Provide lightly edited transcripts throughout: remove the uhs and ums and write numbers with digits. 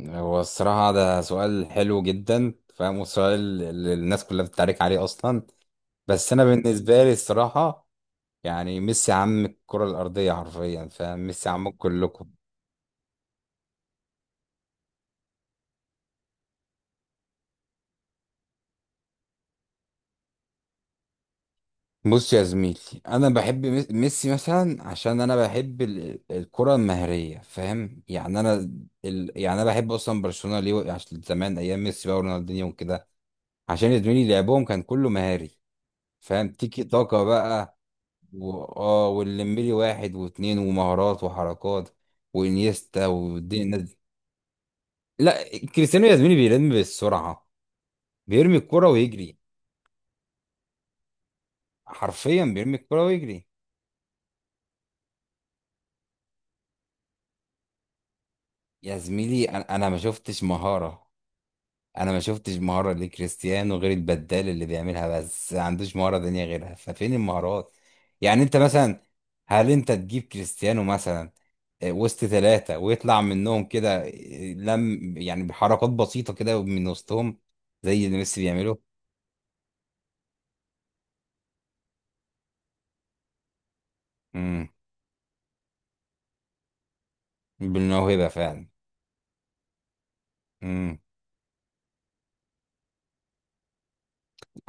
هو الصراحة ده سؤال حلو جدا، فاهم، وسؤال اللي الناس كلها بتتعارك عليه أصلا. بس أنا بالنسبة لي الصراحة يعني ميسي عم الكرة الأرضية حرفيا، فاهم، ميسي عم كلكم. بص يا زميلي، أنا بحب ميسي مثلا عشان أنا بحب الكرة المهرية، فاهم يعني أنا. يعني أنا بحب أصلا برشلونة ليه؟ عشان زمان أيام ميسي بقى ورونالدينيو وكده. عشان يا زميلي لعبهم كان كله مهاري. فاهم، تيكي تاكا بقى. و... اه والليمبلي واحد واثنين ومهارات وحركات وانيستا والدنيا الناس دي. لا كريستيانو يا زميلي بيلم بالسرعه، بيرمي الكرة ويجري. حرفيا بيرمي الكرة ويجري. يا زميلي أنا ما شفتش مهاره. انا ما شفتش مهاره لكريستيانو غير البدال اللي بيعملها، بس ما عندوش مهاره تانية غيرها، ففين المهارات؟ يعني انت مثلا، هل انت تجيب كريستيانو مثلا وسط ثلاثة ويطلع منهم كده، لم يعني بحركات بسيطة كده من وسطهم زي اللي ميسي بيعمله؟ امم بالموهبة فعلا. امم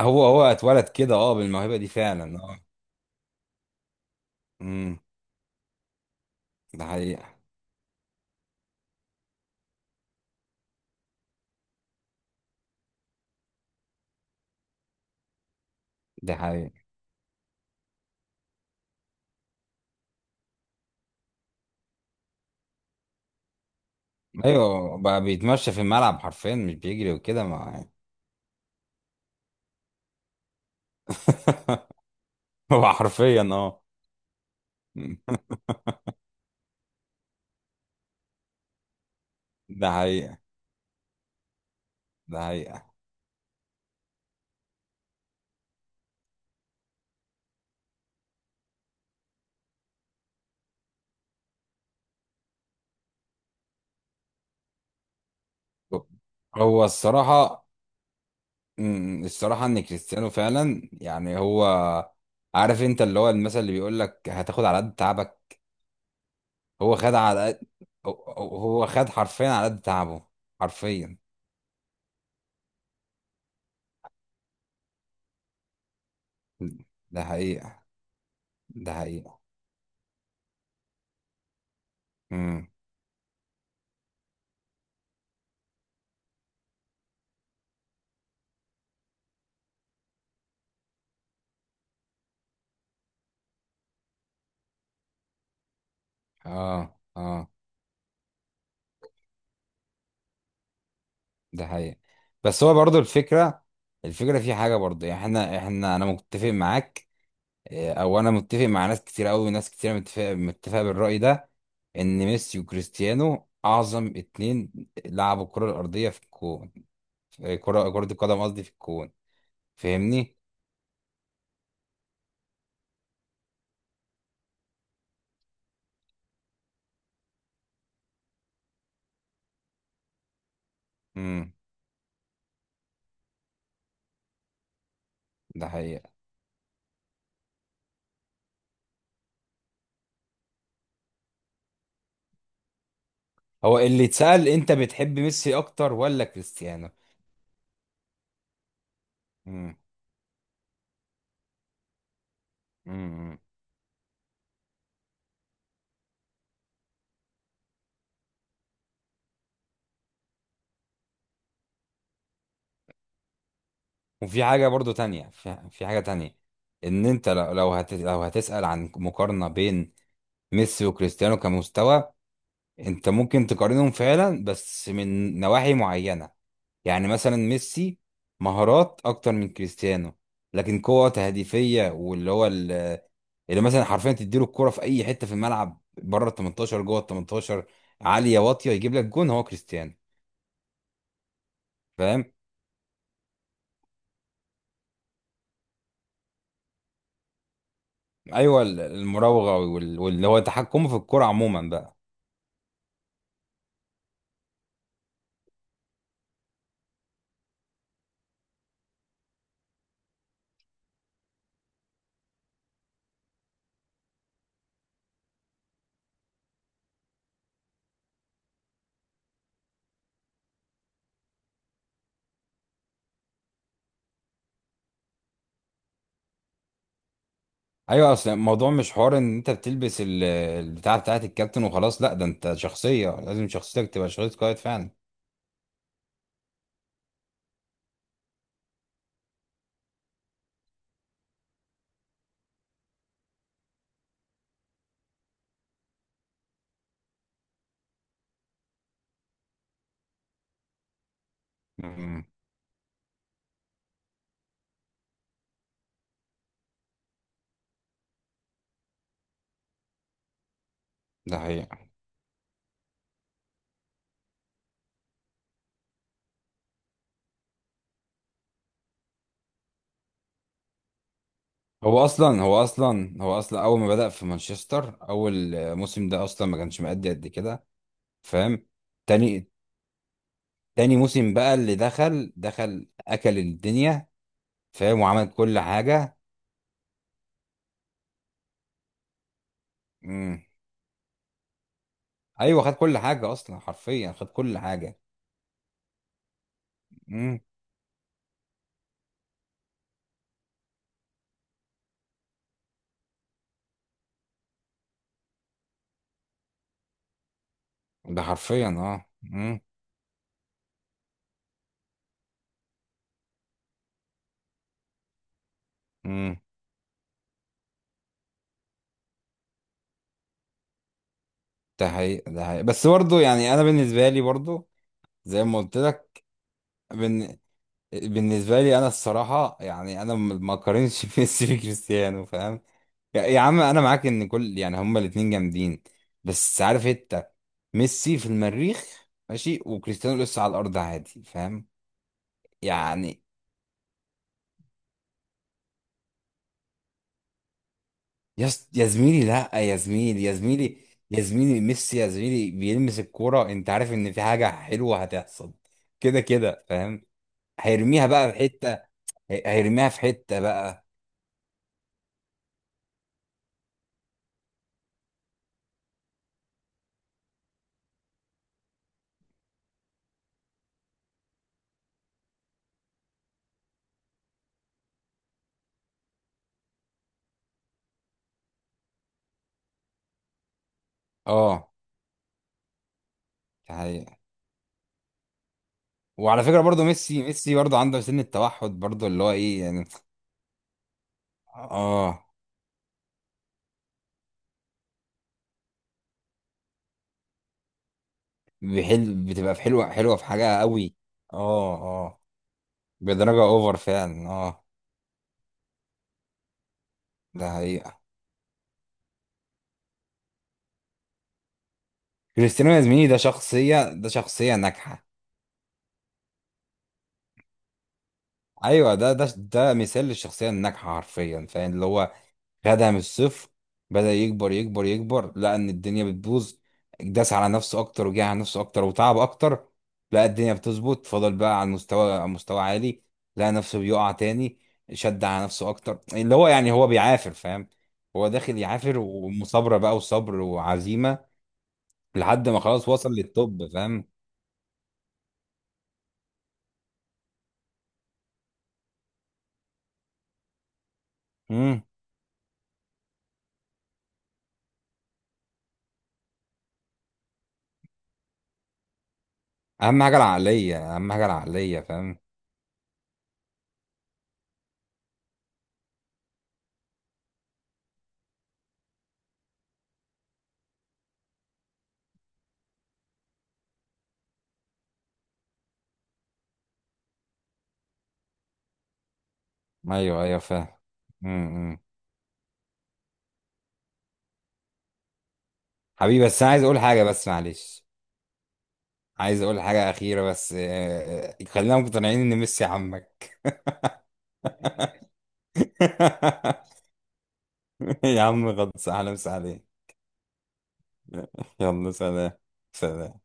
هو اتولد كده، اه، بالموهبة دي فعلا، اه. امم ده حقيقة. ده حقيقة. ايوه بقى بيتمشى في الملعب حرفيا، مش بيجري وكده ما. هو حرفيا اه. مم. ده حقيقة. ده حقيقة. هو الصراحة، الصراحة ان كريستيانو فعلا، يعني هو، عارف انت اللي هو المثل اللي بيقول لك هتاخد على قد تعبك. هو خد على قد، هو خد حرفيا على قد تعبه، حرفيا. ده حقيقة. ده حقيقة. امم اه اه. ده حقيقة. بس هو برضو الفكرة، الفكرة في حاجة برضو، يعني احنا انا متفق معاك. او انا متفق مع ناس كتير قوي، وناس كتير متفق بالرأي ده. ان ميسي وكريستيانو اعظم اتنين لعبوا الكرة الأرضية في الكون. في كرة القدم قصدي، في الكون. فاهمني. امم ده حقيقة. هو اللي اتسأل، انت بتحب ميسي اكتر ولا كريستيانو؟ امم امم وفي حاجة برضو تانية، في حاجة تانية. ان انت لو هتسأل عن مقارنة بين ميسي وكريستيانو كمستوى، انت ممكن تقارنهم فعلا بس من نواحي معينة. يعني مثلا ميسي، مهارات اكتر من كريستيانو. لكن قوة تهديفية، اللي مثلا حرفيا تديله الكرة في اي حتة في الملعب، بره ال 18 جوه ال 18، عالية واطية، يجيب لك جون، هو كريستيانو. فاهم. ايوه، المراوغة، واللي هو تحكمه في الكرة عموما بقى. ايوه، اصل الموضوع مش حوار ان انت بتلبس البتاع بتاعت الكابتن وخلاص، لا ده انت شخصية، لازم شخصيتك تبقى شخصية قائد. فعلا. ده حقيقة. هو أصلا أول ما بدأ في مانشستر، أول موسم ده أصلا ما كانش مأدي قد كده، فاهم. تاني، تاني موسم بقى اللي دخل أكل الدنيا، فاهم، وعمل كل حاجة. مم. أيوه خد كل حاجة، أصلا حرفيا خد كل حاجة. مم. ده حرفيا أه، مم. مم. ده حقيقة. ده حقيقة، بس برضه يعني أنا بالنسبة لي برضه، زي ما قلت لك، بالنسبة لي أنا الصراحة، يعني أنا ما أقارنش ميسي بكريستيانو، فاهم. يا عم، أنا معاك إن كل، يعني هما الاتنين جامدين. بس عارف أنت، ميسي في المريخ ماشي وكريستيانو لسه على الأرض عادي، فاهم يعني. يا زميلي لأ، يا زميلي ميسي، يا زميلي بيلمس الكورة أنت عارف إن في حاجة حلوة هتحصل. كده كده فاهم. هيرميها بقى في حتة. هيرميها في حتة بقى، أه يعني. وعلى فكرة برضو ميسي، برضو عنده سن التوحد برضو، اللي هو ايه يعني، اه. بحل بتبقى في حلوة حلوة في حاجة قوي، اه اه، بدرجة اوفر فعلا اه. ده حقيقة. كريستيانو يا زميلي ده شخصية، ده شخصية ناجحة. ايوه، ده مثال للشخصية الناجحة حرفيا، فاهم اللي هو، خدها من الصفر. بدأ يكبر يكبر يكبر، لقى ان الدنيا بتبوظ، داس على نفسه اكتر، وجه على نفسه اكتر وتعب اكتر. لقى الدنيا بتظبط، فضل بقى على المستوى، على مستوى عالي. لقى نفسه بيقع تاني، شد على نفسه اكتر، اللي هو يعني هو بيعافر، فاهم. هو داخل يعافر، ومثابرة بقى وصبر وعزيمة، لحد ما خلاص وصل للتوب، فاهم. امم اهم حاجة العقلية، اهم حاجة العقلية، فاهم. ايوه ايوه فاهم. امم حبيبي، بس انا عايز اقول حاجة، بس معلش. عايز اقول حاجه اخيره بس، خلينا مقتنعين ان ميسي عمك. يا عم غلط، اهلا وسهلا عليك. يلا سلام. سلام.